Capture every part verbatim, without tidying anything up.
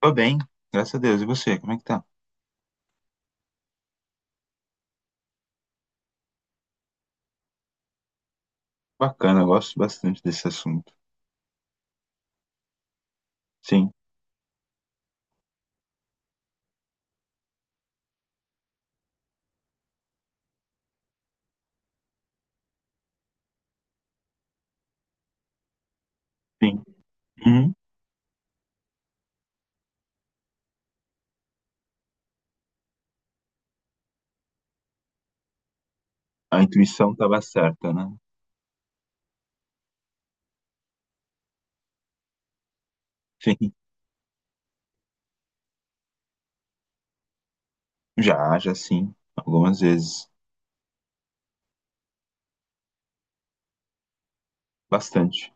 Tô bem, graças a Deus. E você, como é que tá? Bacana, eu gosto bastante desse assunto. Sim, sim. Uhum. A intuição tava certa, né? Sim. Já, já sim. Algumas vezes. Bastante.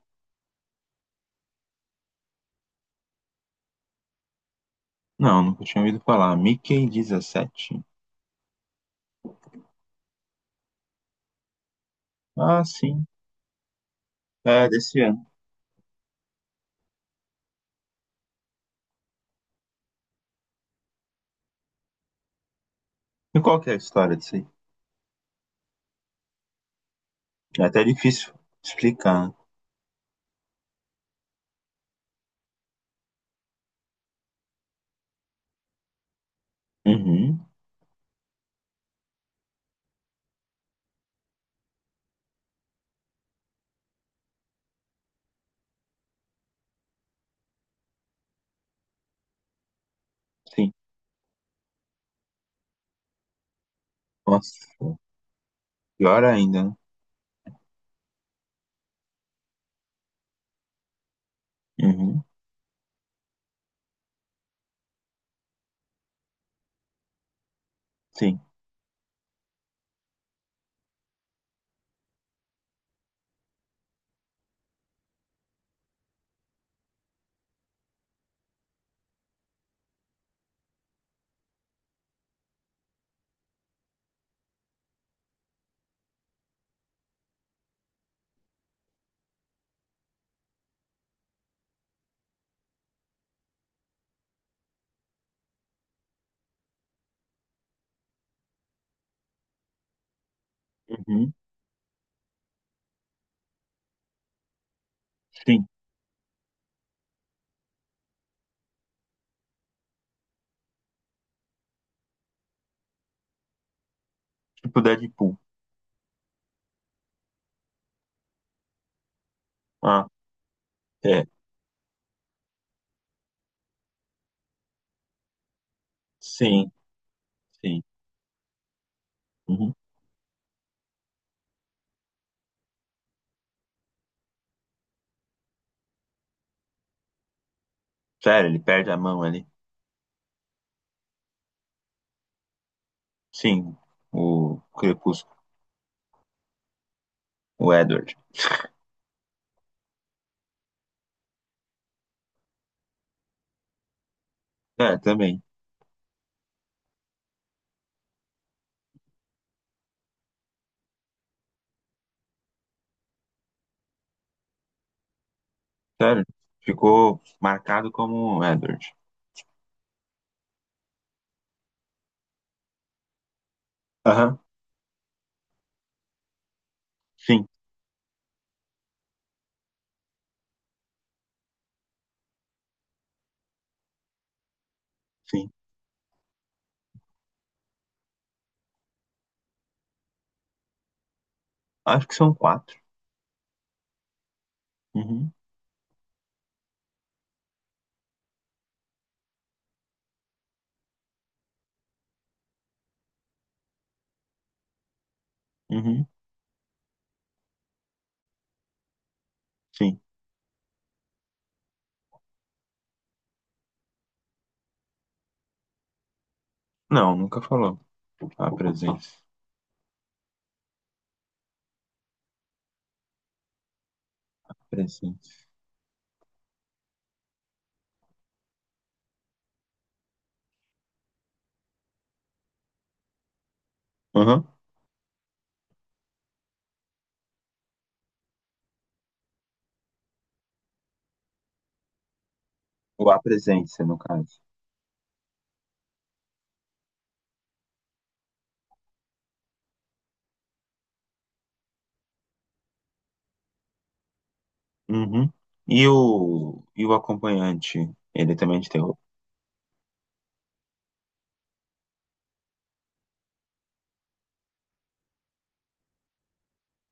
Não, nunca tinha ouvido falar. Mickey dezessete? Ah, sim. É, desse ano. E qual que é a história disso aí? É até difícil explicar. Uhum, sim. Nossa, pior ainda, né? Uhum, sim. Uhum, sim. Tipo Deadpool. Ah, é. Sim, sim. Uhum. Sério, ele perde a mão ali. Sim, o Crepúsculo, o Edward. É, também. Sério, ficou marcado como Edward. Aham, sim, sim. Acho que são quatro. Uhum, uhum, sim. Não, nunca falou. A presença. Presença. Uhum. Ou a presença, no caso. Uhum. E o, e o acompanhante, ele também é de terror?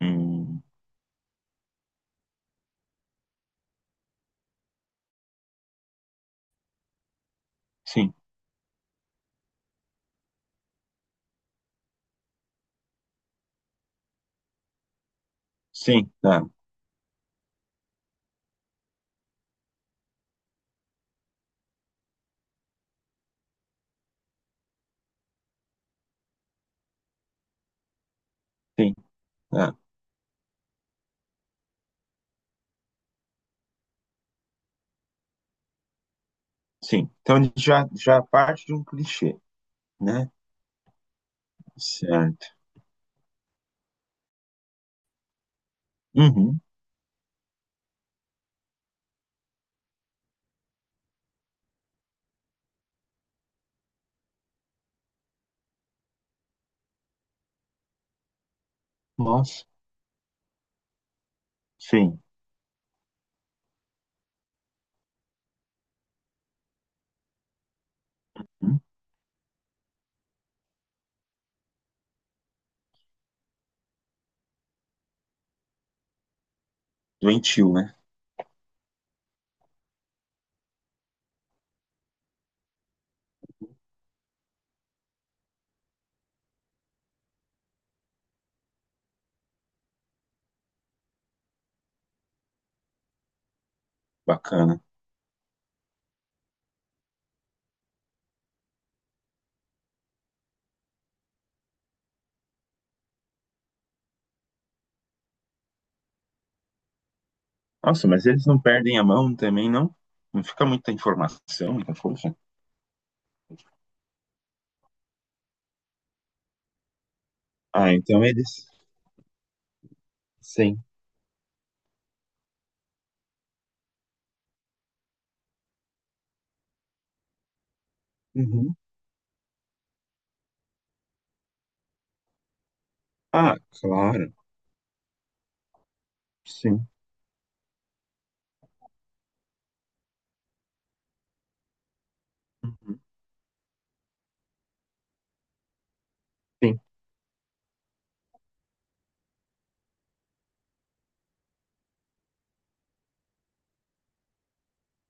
Hum, sim, sim, tá, sim, tá, sim. Então a já, já parte de um clichê, né? Certo. Uhum. Nossa. Sim. Hum, doentio, né? Bacana. Nossa, mas eles não perdem a mão também, não? Não fica muita informação, muita força? Ah, então eles. Sim. Uhum. Ah, claro. Sim. Uhum. Sim.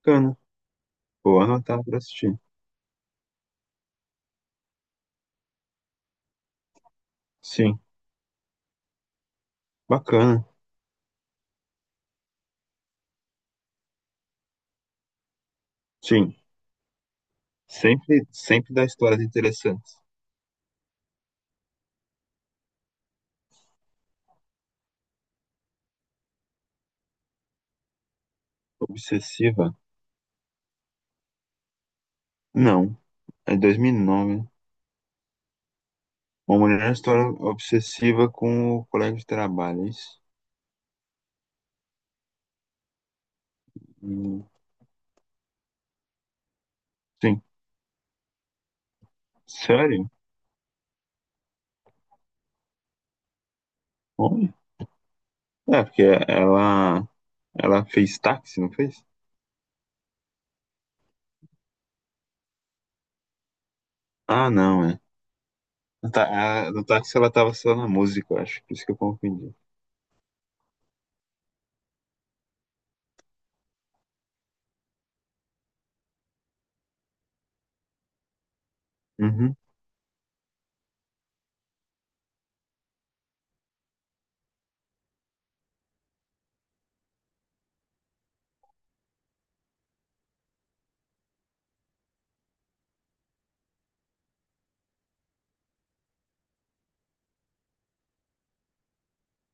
Bacana. Vou anotar para assistir. Sim. Bacana. Sim. Sempre, sempre dá histórias interessantes. Obsessiva? Não. É dois mil e nove. Uma mulher na história obsessiva com o colega de trabalho. É isso? Hum. Sim. Sério? Olha. É, porque ela, ela fez táxi, não fez? Ah, não, é. No, tá, a- no táxi ela tava só na música, eu acho. Por isso que eu confundi. Uhum.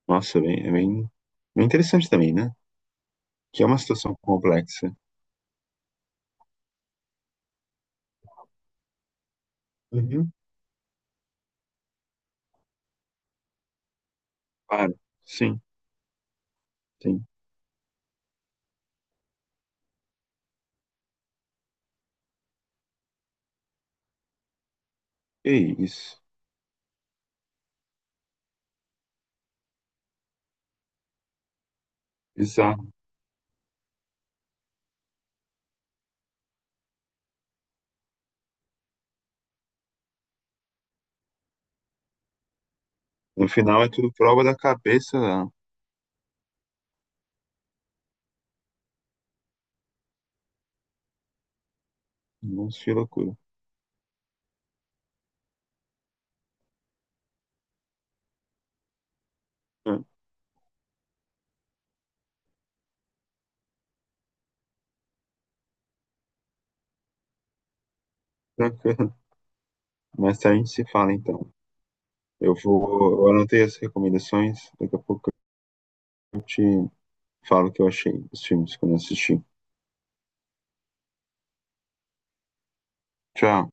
Nossa, é bem, é bem, bem interessante também, né? Que é uma situação complexa. Uhum. Claro. Sim, sim. Que isso. Bizarro. No final é tudo prova da cabeça. Nossa, que loucura. É, tranquilo. Mais tarde a gente se fala, então. Eu vou, eu anotei as recomendações. Daqui a pouco eu te falo o que eu achei dos filmes que eu não assisti. Tchau.